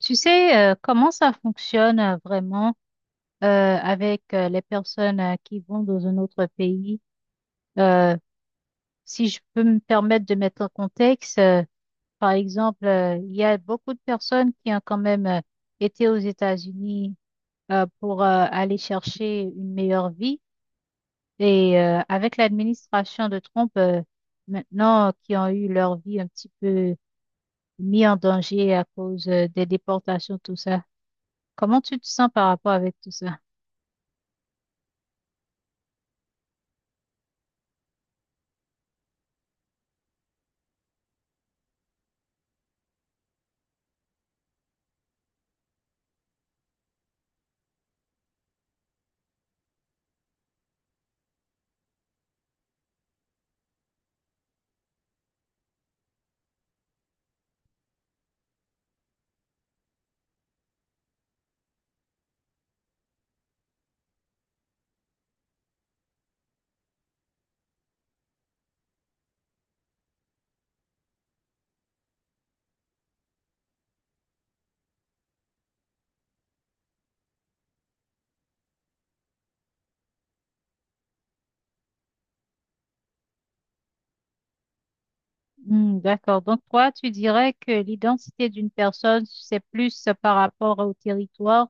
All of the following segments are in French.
Tu sais, comment ça fonctionne vraiment avec les personnes qui vont dans un autre pays? Euh, Si je peux me permettre de mettre en contexte, par exemple, il y a beaucoup de personnes qui ont quand même été aux États-Unis pour aller chercher une meilleure vie. Et avec l'administration de Trump, maintenant, qui ont eu leur vie un petit peu mis en danger à cause des déportations, tout ça. Comment tu te sens par rapport avec tout ça? Hmm, d'accord. Donc, toi, tu dirais que l'identité d'une personne, c'est plus par rapport au territoire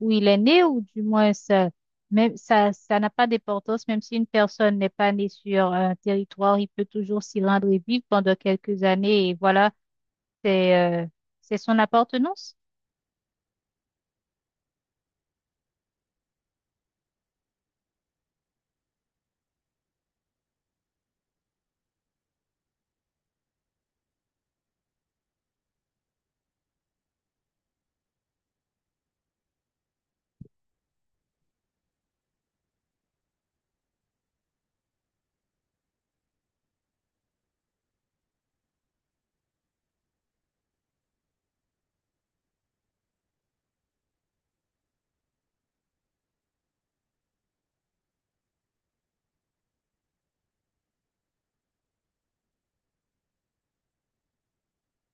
où il est né, ou du moins, ça, même, ça n'a pas d'importance, même si une personne n'est pas née sur un territoire, il peut toujours s'y rendre et vivre pendant quelques années, et voilà, c'est, euh, c'est son appartenance.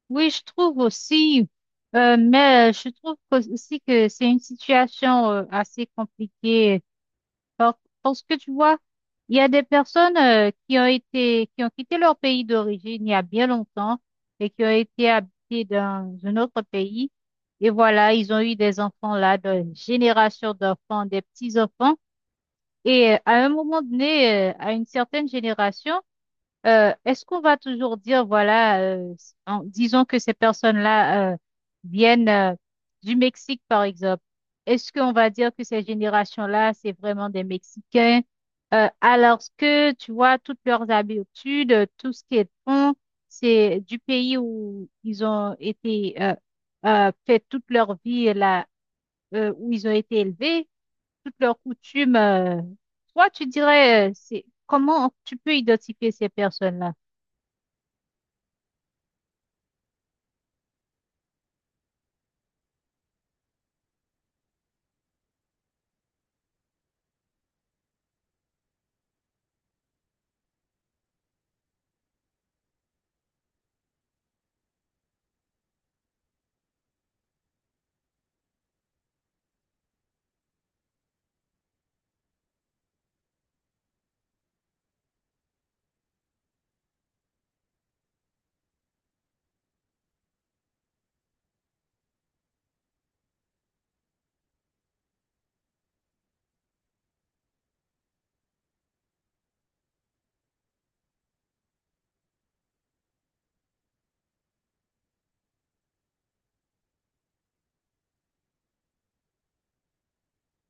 Oui, je trouve aussi, mais aussi que c'est une situation assez compliquée parce que tu vois, il y a des personnes qui ont été, qui ont quitté leur pays d'origine il y a bien longtemps et qui ont été habitées dans un autre pays. Et voilà, ils ont eu des enfants là, des générations d'enfants, des petits-enfants. Et à un moment donné, à une certaine génération, est-ce qu'on va toujours dire, voilà, disons que ces personnes-là viennent du Mexique, par exemple. Est-ce qu'on va dire que ces générations-là, c'est vraiment des Mexicains, alors que, tu vois, toutes leurs habitudes, tout ce qu'elles font, c'est du pays où ils ont été, fait toute leur vie, là, où ils ont été élevés, toutes leurs coutumes. Toi, tu dirais, c'est comment tu peux identifier ces personnes-là?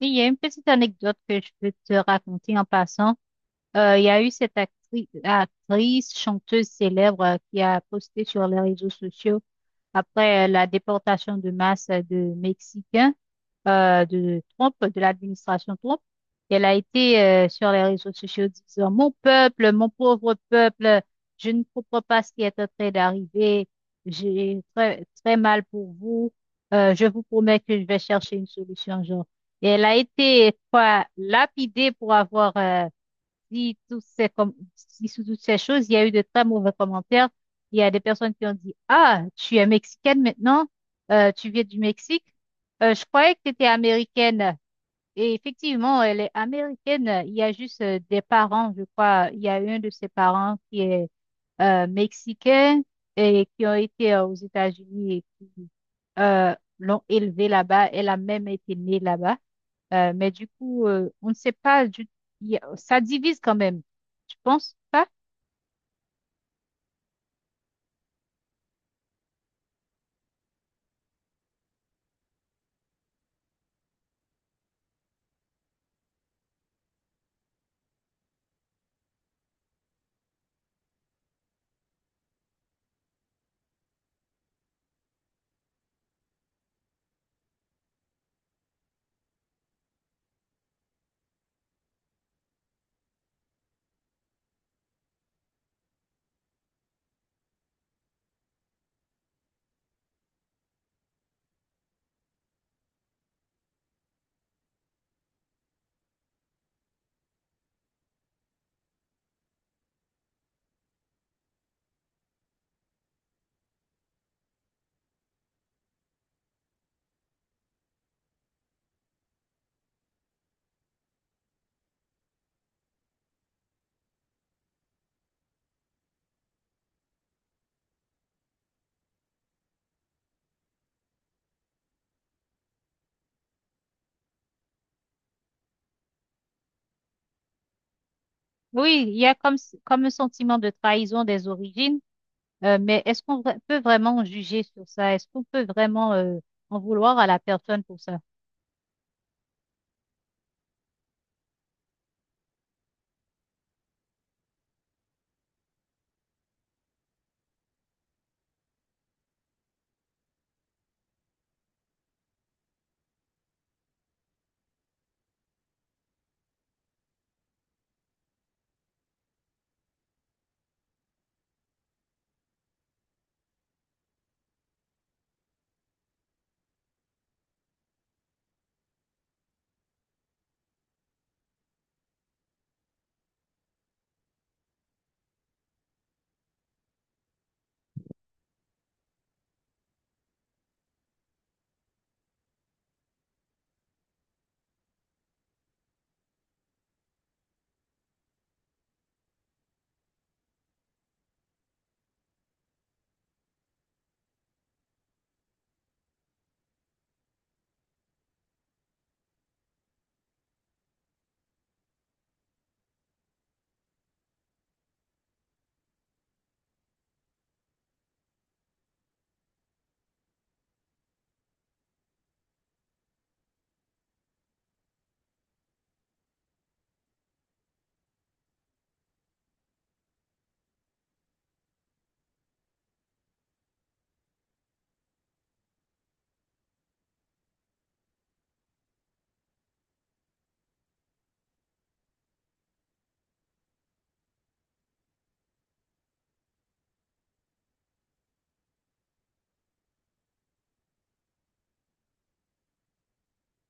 Oui, il y a une petite anecdote que je peux te raconter en passant. Il y a eu cette actrice, chanteuse célèbre qui a posté sur les réseaux sociaux après la déportation de masse de Mexicains de Trump, de l'administration Trump. Elle a été sur les réseaux sociaux disant, «Mon peuple, mon pauvre peuple, je ne comprends pas ce qui est en train d'arriver. J'ai très, très mal pour vous. Je vous promets que je vais chercher une solution», genre. Et elle a été quoi, lapidée pour avoir dit toutes dit sous toutes ces choses, il y a eu de très mauvais commentaires. Il y a des personnes qui ont dit, «Ah, tu es mexicaine maintenant, tu viens du Mexique. Je croyais que tu étais américaine.» Et effectivement, elle est américaine. Il y a juste des parents, je crois. Il y a un de ses parents qui est mexicain et qui ont été aux États-Unis et qui euh, l'ont élevée là-bas. Elle a même été née là-bas. Mais du coup, on ne sait pas du ça divise quand même. Tu penses pas? Oui, il y a comme, comme un sentiment de trahison des origines, mais peut vraiment juger sur ça? Est-ce qu'on peut vraiment en vouloir à la personne pour ça?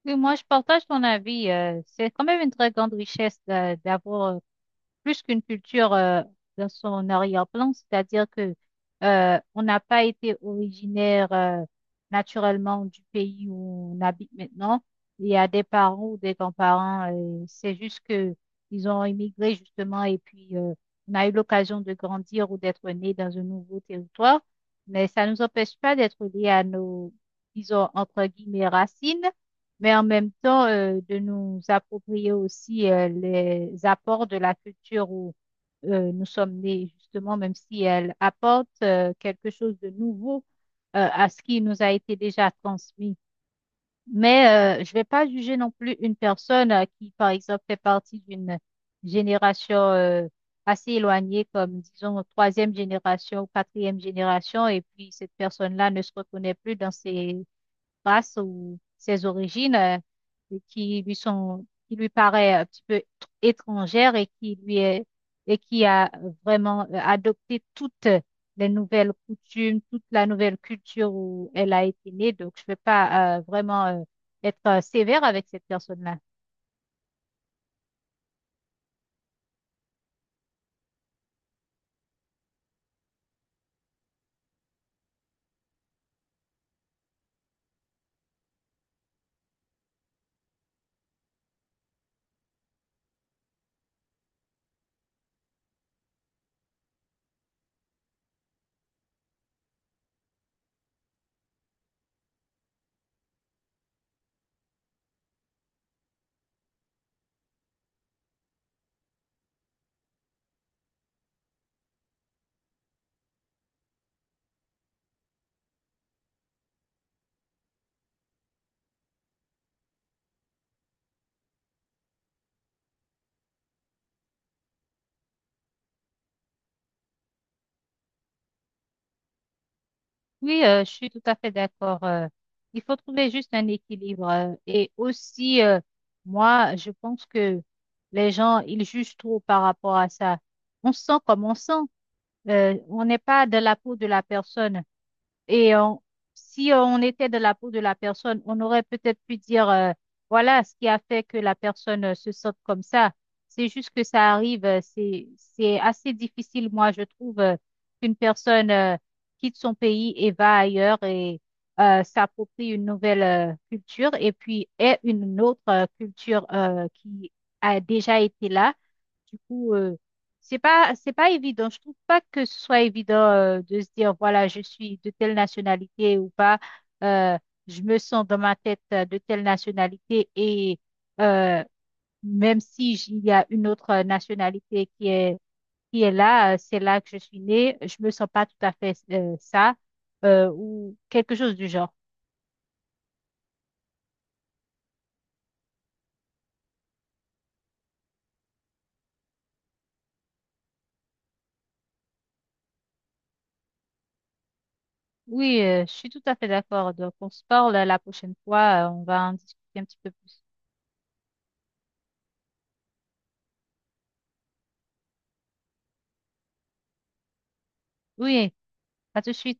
Oui, moi, je partage ton avis. C'est quand même une très grande richesse d'avoir plus qu'une culture dans son arrière-plan, c'est-à-dire que on n'a pas été originaire naturellement du pays où on habite maintenant. Il y a des parents ou des grands-parents, c'est juste que ils ont immigré justement et puis on a eu l'occasion de grandir ou d'être né dans un nouveau territoire, mais ça ne nous empêche pas d'être liés à nos, disons, entre guillemets, racines mais en même temps de nous approprier aussi les apports de la culture où nous sommes nés, justement, même si elle apporte quelque chose de nouveau à ce qui nous a été déjà transmis. Mais je ne vais pas juger non plus une personne qui, par exemple, fait partie d'une génération assez éloignée, comme disons troisième génération ou quatrième génération, et puis cette personne-là ne se reconnaît plus dans ses grâce ou ses origines qui lui sont, qui lui paraît un petit peu étrangère et qui lui est, et qui a vraiment adopté toutes les nouvelles coutumes, toute la nouvelle culture où elle a été née. Donc, je ne vais pas vraiment être sévère avec cette personne-là. Oui, je suis tout à fait d'accord. Il faut trouver juste un équilibre. Et aussi, moi, je pense que les gens, ils jugent trop par rapport à ça. On sent comme on sent. On n'est pas de la peau de la personne. Et on- Si on était de la peau de la personne, on aurait peut-être pu dire, voilà ce qui a fait que la personne se sente comme ça. C'est juste que ça arrive. C'est assez difficile, moi, je trouve, qu'une personne, quitte son pays et va ailleurs et s'approprie une nouvelle culture et puis ait une autre culture qui a déjà été là du coup, c'est pas évident. Je trouve pas que ce soit évident de se dire, voilà, je suis de telle nationalité ou pas. Euh, je me sens dans ma tête de telle nationalité et euh, même si il y a une autre nationalité qui est là, c'est là que je suis née, je me sens pas tout à fait ça ou quelque chose du genre. Oui, je suis tout à fait d'accord. Donc, on se parle la prochaine fois. On va en discuter un petit peu plus. Oui, à tout de suite.